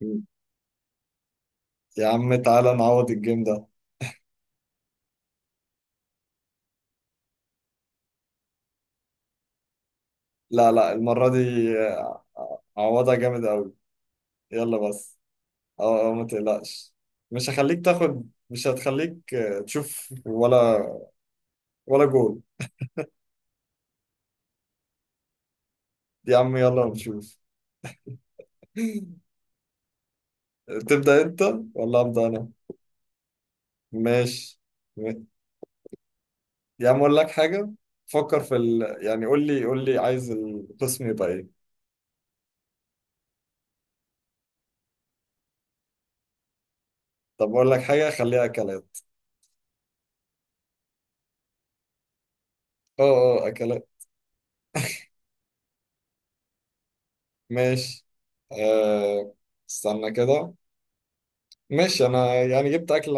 يا عم تعالى نعوض الجيم ده. لا لا المرة دي آه، عوضها جامد قوي. يلا بس. اه ما تقلقش. مش هخليك تاخد، مش هتخليك تشوف ولا ولا جول. يا عم يلا نشوف. تبدأ انت ولا أبدأ انا؟ ماشي. م- يا عم اقول لك حاجة. فكر في ال... يعني قول لي، عايز القسم يبقى ايه؟ طب اقول لك حاجة، خليها اكلات. اه اه اكلات. ماشي. أه... استنى كده. ماشي انا يعني جبت اكله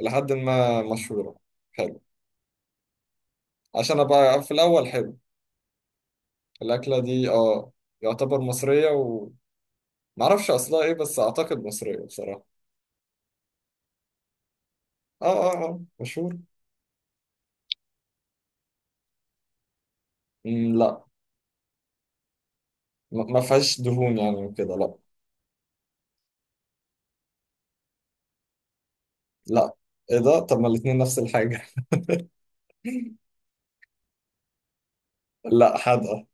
لحد ما مشهوره، حلو، عشان ابقى في الاول حلو. الاكله دي اه، يعتبر مصريه. ومعرفش اصلها ايه، بس اعتقد مصريه بصراحه. اه. اه مشهور. لا. ما ما فيهاش دهون يعني وكده، لا. لا، ايه ده؟ طب ما الاتنين نفس الحاجه. لا حادقه.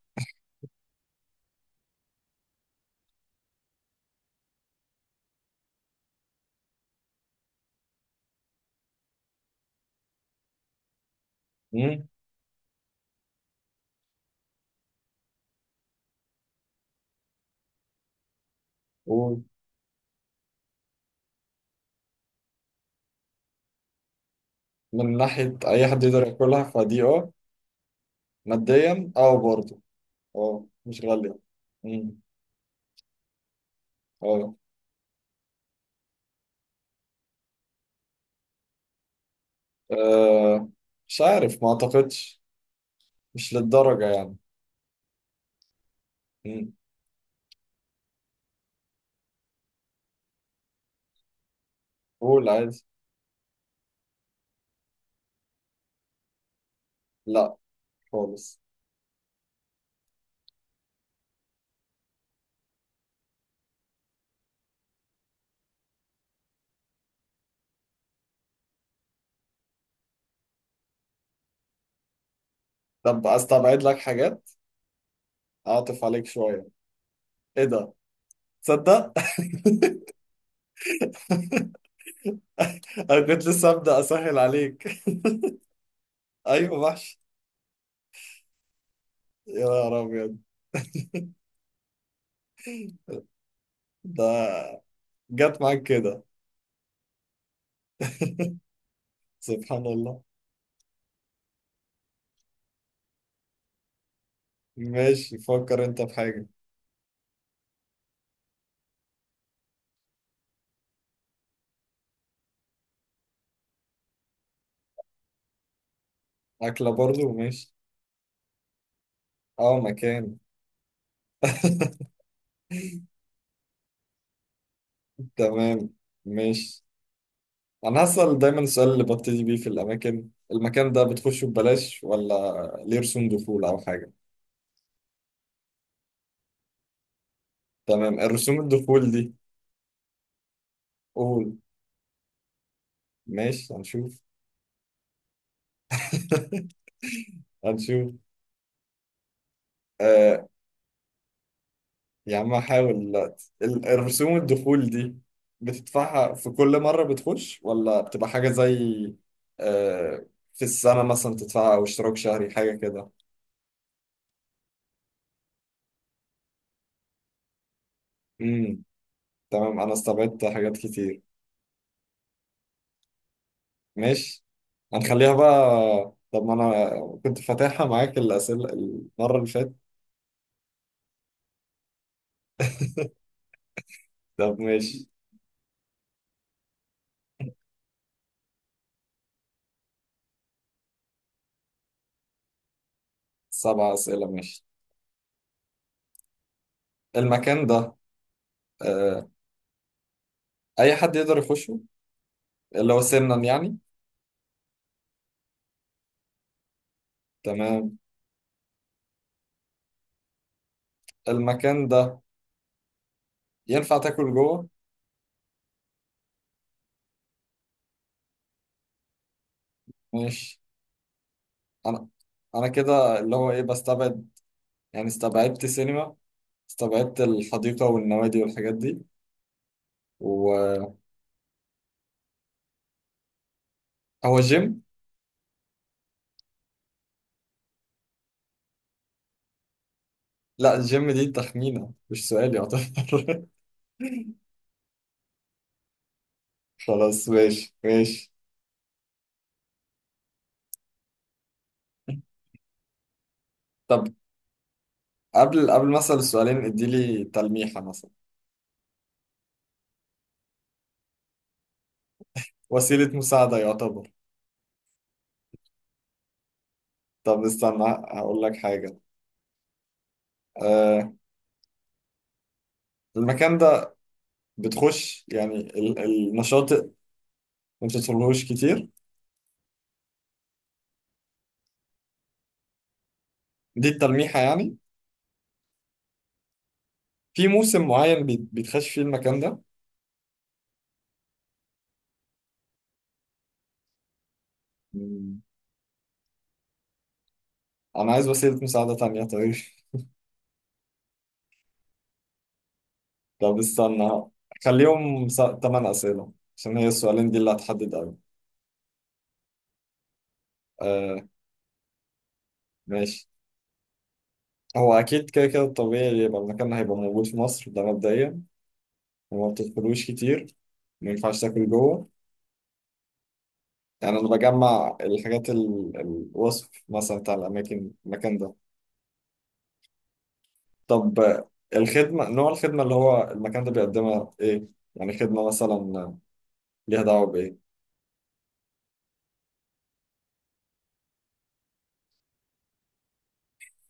امم. ومن ناحيه اي حد يقدر ياكلها فدي اه. ماديا اه برضه. اه مش غاليه. امم. اه. آه، مش عارف، ما اعتقدش، مش للدرجة يعني. مم. قول عادي. لا خالص. طب استبعد لك حاجات، اعطف عليك شوية. ايه ده؟ تصدق انا كنت لسه ابدا اسهل عليك. ايوه وحش. يا نهار ابيض. ده جت معاك كده. سبحان الله. ماشي فكر انت في حاجة. اكلة برضو ماشي. اه مكان. تمام. ماشي. انا هسأل دايما السؤال اللي ببتدي بيه في الاماكن: المكان ده بتخشه ببلاش ولا ليه رسوم دخول او حاجة؟ تمام، الرسوم الدخول دي، قول. ماشي هنشوف. هنشوف. آه، يا عم هحاول دلوقتي. الرسوم الدخول دي بتدفعها في كل مرة بتخش، ولا بتبقى حاجة زي، آه، في السنة مثلا تدفعها، أو اشتراك شهري حاجة كده؟ امم. تمام، أنا استبعدت حاجات كتير. ماشي، هنخليها بقى. طب ما أنا كنت فاتحها معاك الأسئلة المرة اللي فاتت. طب ماشي. سبع أسئلة ماشي. المكان ده، آه، اي حد يقدر يخشه؟ اللي هو سنا يعني. تمام. المكان ده ينفع تاكل جوه؟ ماشي. انا انا كده اللي هو ايه، بستبعد. يعني استبعدت سينما، استبعدت الحديقة والنوادي والحاجات دي. وهو جيم. لا الجيم دي تخمينة مش سؤال يعتبر. خلاص ماشي ماشي. طب قبل مثلا السؤالين، اديلي تلميحة مثلا. وسيلة مساعدة يعتبر. طب استنى، هقول لك حاجة. أه، المكان بتخش يعني النشاط؟ ما بتدخلهوش كتير. دي التلميحة يعني؟ في موسم معين بيتخش فيه المكان ده؟ مم. أنا عايز وسيلة مساعدة تانية طيب. طب استنى، خليهم تمن أسئلة، عشان هي السؤالين دي اللي هتحدد أوي. آه ماشي. هو أكيد كده كده الطبيعي يبقى المكان هيبقى موجود في مصر، ده مبدئيا. وما بتدخلوش كتير، ما ينفعش تاكل جوه. يعني أنا بجمع الحاجات، الوصف مثلا بتاع الأماكن، المكان ده. طب الخدمة، نوع الخدمة اللي هو المكان ده بيقدمها ايه؟ يعني خدمة مثلا ليها دعوة بإيه؟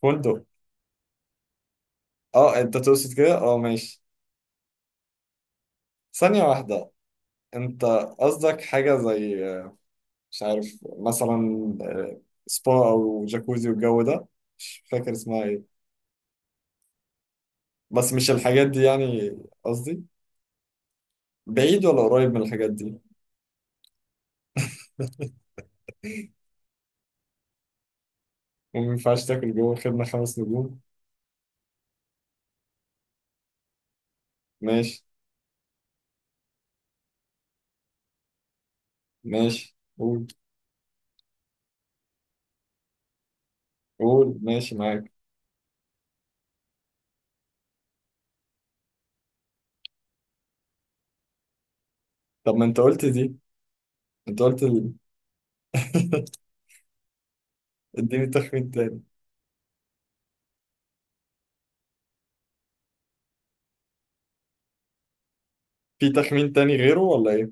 فندق؟ اه انت تقصد كده؟ اه ماشي. ثانية واحدة. انت قصدك حاجة زي، مش عارف مثلا، آه، سبا او جاكوزي والجو ده؟ مش فاكر اسمها ايه. بس مش الحاجات دي يعني، قصدي بعيد ولا قريب من الحاجات دي؟ وما ينفعش تاكل جوه، الخدمة خمس نجوم. ماشي ماشي قول. قول ماشي معاك. طب ما انت قلت دي، انت قلت اديني تخمين تاني. في تخمين تاني غيره ولا ايه؟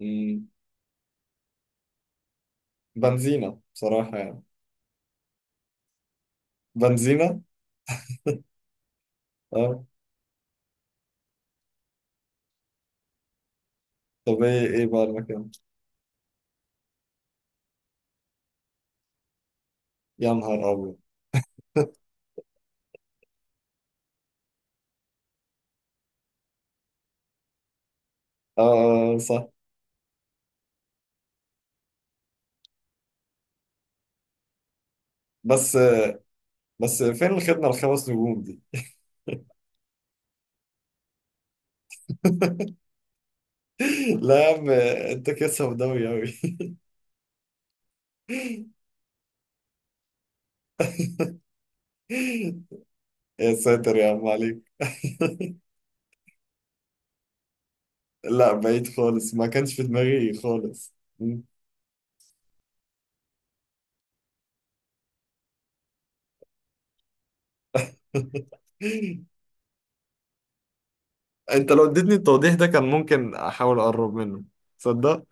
مم. بنزينة بصراحة يعني. بنزينة. اه. طب ايه ايه بقى المكان؟ يا نهار ابيض. اه، آه، آه، صح. بس بس فين الخدمة الخمس نجوم دي؟ لا يا عم. انت كده سوداوي اوي. يا ساتر يا عم عليك. لا بعيد خالص، ما كانش في دماغي خالص. مم. انت لو اديتني التوضيح ده كان ممكن احاول اقرب منه، تصدق،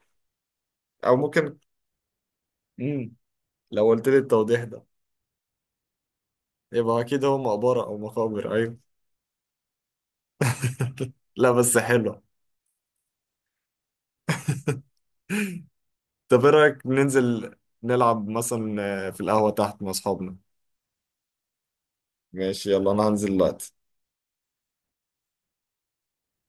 او ممكن. مم. لو قلت لي التوضيح ده يبقى اكيد هو مقبرة او مقابر، ايوه. لا بس حلو. طب ايه رأيك ننزل نلعب مثلا، في القهوة تحت مع اصحابنا؟ ماشي يلا انا هنزل دلوقتي.